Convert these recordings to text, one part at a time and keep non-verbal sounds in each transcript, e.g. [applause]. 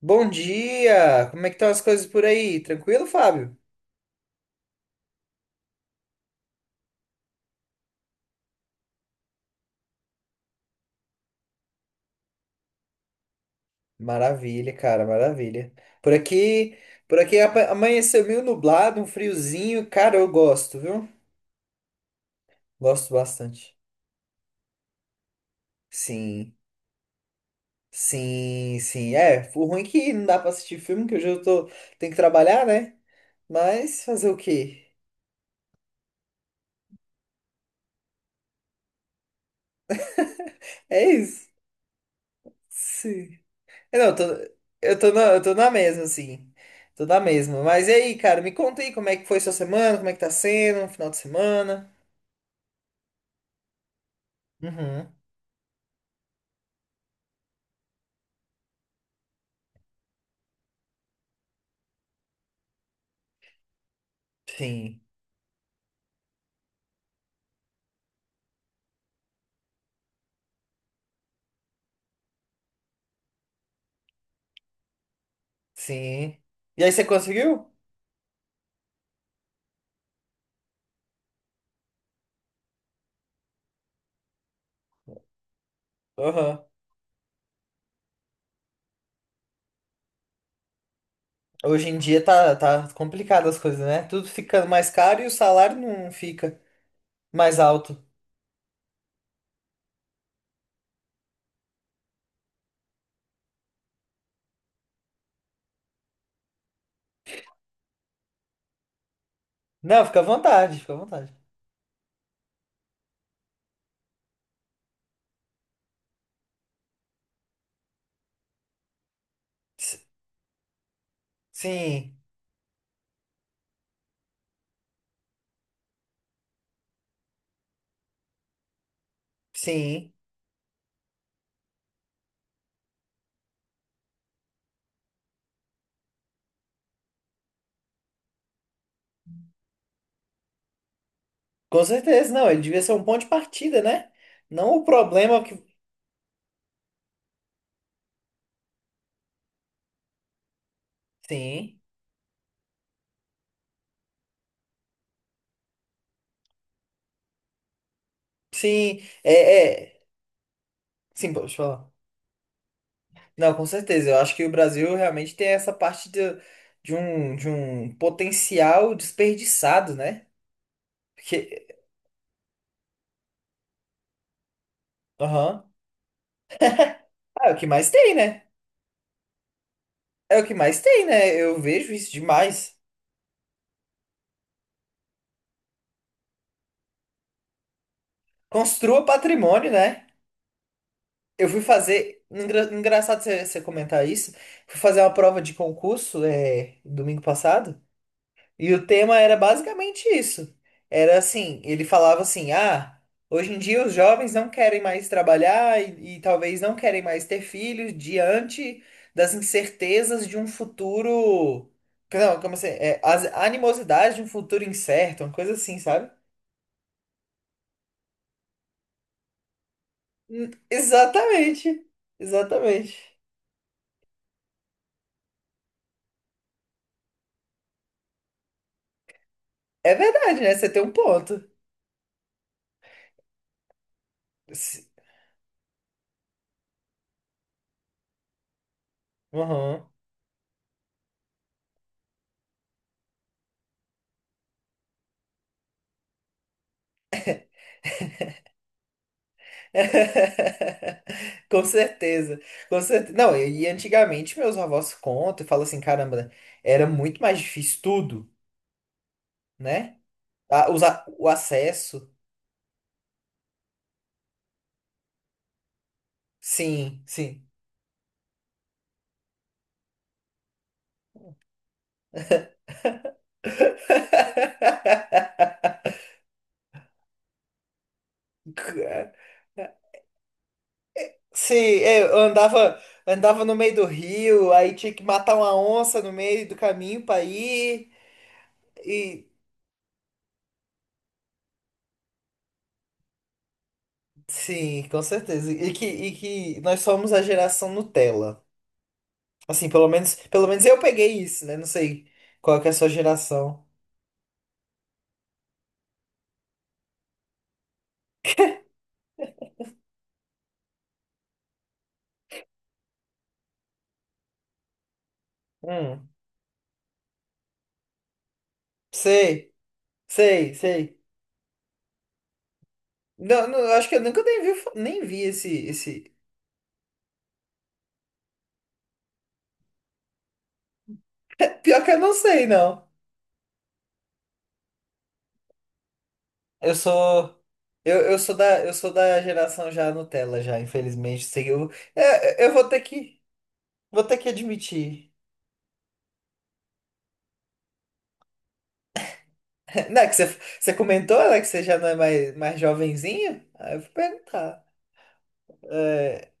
Bom dia! Como é que estão as coisas por aí? Tranquilo, Fábio? Maravilha, cara, maravilha. Por aqui, Amanheceu meio nublado, um friozinho. Cara, eu gosto, viu? Gosto bastante. Sim, sim. É, o ruim é que não dá pra assistir filme, que hoje eu tô, tenho que trabalhar, né? Mas fazer o quê? É isso. Sim. É, Não, eu tô na mesma, assim. Tô na mesma. Mas e aí, cara, me conta aí como é que foi sua semana, como é que tá sendo, um final de semana. Uhum. Sim, sim. E aí você conseguiu? Aham. Hoje em dia tá complicado as coisas, né? Tudo fica mais caro e o salário não fica mais alto. Não, fica à vontade, fica à vontade. S- Sim, sim. Com certeza. Não, ele devia ser um ponto de partida, né? Não o problema que. Sim, sim. Sim, pô, deixa eu falar. Não, com certeza. Eu acho que o Brasil realmente tem essa parte de um potencial desperdiçado, né? Porque aham. Ah, é o que mais tem, né? É o que mais tem, né? Eu vejo isso demais. Construa patrimônio, né? Eu fui fazer. Engra- Engraçado você comentar isso. Fui fazer uma prova de concurso domingo passado. E o tema era basicamente isso. Era assim, ele falava assim: "Ah, hoje em dia os jovens não querem mais trabalhar e talvez não querem mais ter filhos diante das incertezas de um futuro, não, como assim, é, as animosidades de um futuro incerto, uma coisa assim, sabe? Exatamente. Exatamente. É verdade, né? Você tem um ponto. Se- Uhum. [laughs] Com certeza, com certeza. Não, e antigamente meus avós contam e falam assim, caramba, era muito mais difícil tudo, né? O acesso, sim, sim. C- Sim, é, andava no meio do rio, aí tinha que matar uma onça no meio do caminho pra ir. E sim, com certeza. E que nós somos a geração Nutella. Assim, pelo menos eu peguei isso, né? Não sei qual que é a sua geração. Hum, sei, sei. Não, não, eu acho que eu nunca nem vi, esse. Pior que eu não sei, não. Eu sou, eu sou da geração já Nutella, já, infelizmente. Sei, que eu, é, eu vou ter que admitir. [laughs] Não, é que você comentou, né, que você já não é mais, mais jovenzinho? Aí eu vou perguntar. É,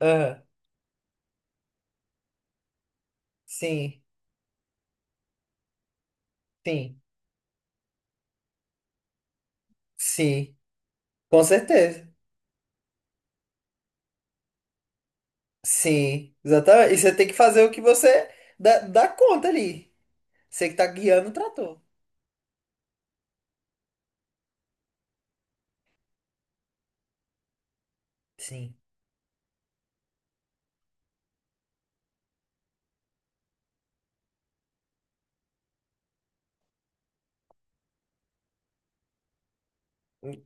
aham, sim, sim, sim, com certeza. Sim, exatamente. E você tem que fazer o que você dá conta ali. Você que tá guiando o trator. Sim.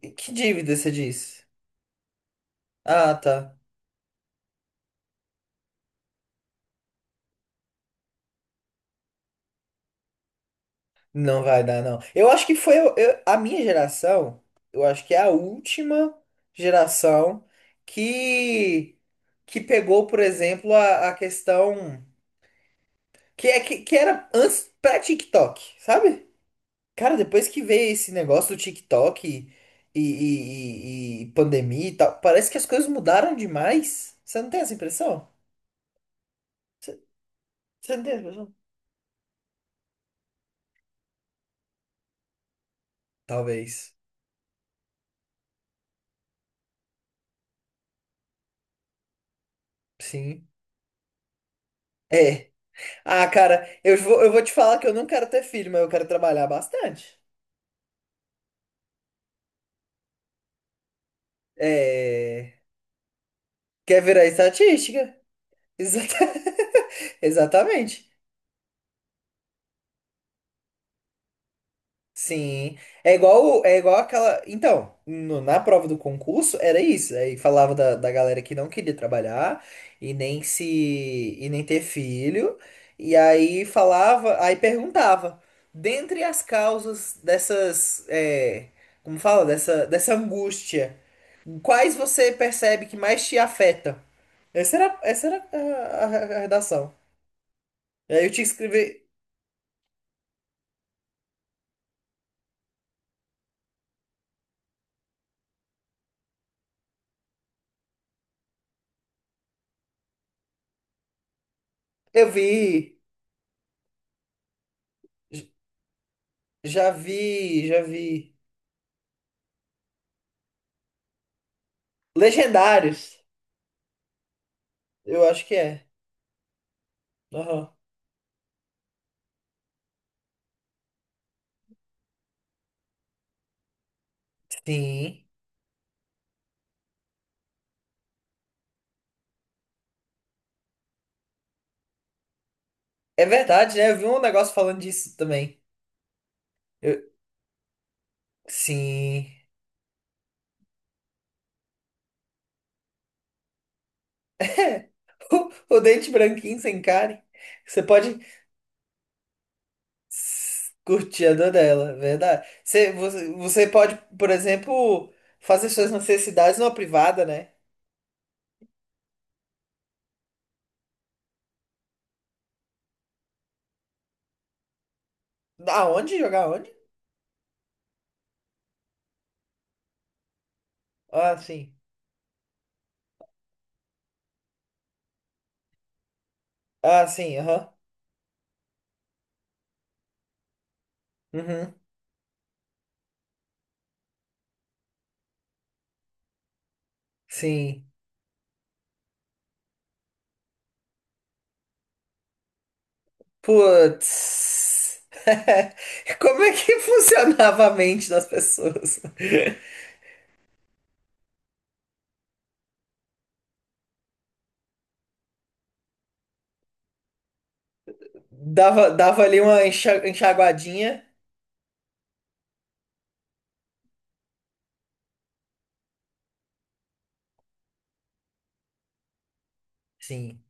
E que dívida você disse? Ah, tá. Não vai dar, não. Eu acho que foi eu- A minha geração, eu acho que é a última geração que, que pegou, por exemplo, a questão que era antes pré-TikTok, sabe? Cara, depois que veio esse negócio do TikTok e pandemia e tal, parece que as coisas mudaram demais. Você não tem essa impressão? Você, você não tem essa impressão? Talvez. Sim. É. Ah, cara, eu vou te falar que eu não quero ter filho, mas eu quero trabalhar bastante. É. Quer virar estatística? Exata- [laughs] Exatamente. Sim, é igual aquela. Então, na prova do concurso era isso. Aí falava da galera que não queria trabalhar e nem se e nem ter filho. Aí perguntava, dentre as causas dessas, é, como fala, dessa angústia, quais você percebe que mais te afeta? Essa era a redação. E aí eu tinha que escrever. Eu vi, j- já vi. Legendários, eu acho que é. Aham. Sim. É verdade, né? Eu vi um negócio falando disso também. Eu- Sim. [laughs] O dente branquinho sem cárie. Você pode curtir a dor dela, é verdade. Você pode, por exemplo, fazer suas necessidades numa privada, né? Aonde? Jogar onde? Ah, sim. Ah, sim, aham. Uhum. Sim. Putz. [laughs] Como é que [laughs] funcionava a mente das pessoas? [laughs] Dava ali uma enxaguadinha. Sim,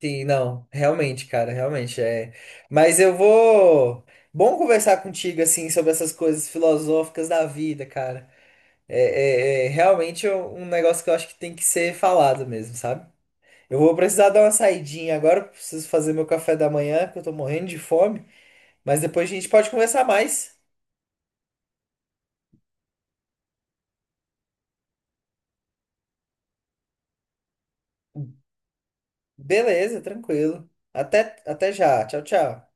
sim, não, realmente, cara, realmente é. Mas eu vou. Bom conversar contigo, assim, sobre essas coisas filosóficas da vida, cara. É realmente é um negócio que eu acho que tem que ser falado mesmo, sabe? Eu vou precisar dar uma saidinha agora, eu preciso fazer meu café da manhã, que eu tô morrendo de fome. Mas depois a gente pode conversar mais. Beleza, tranquilo. Até já. Tchau, tchau.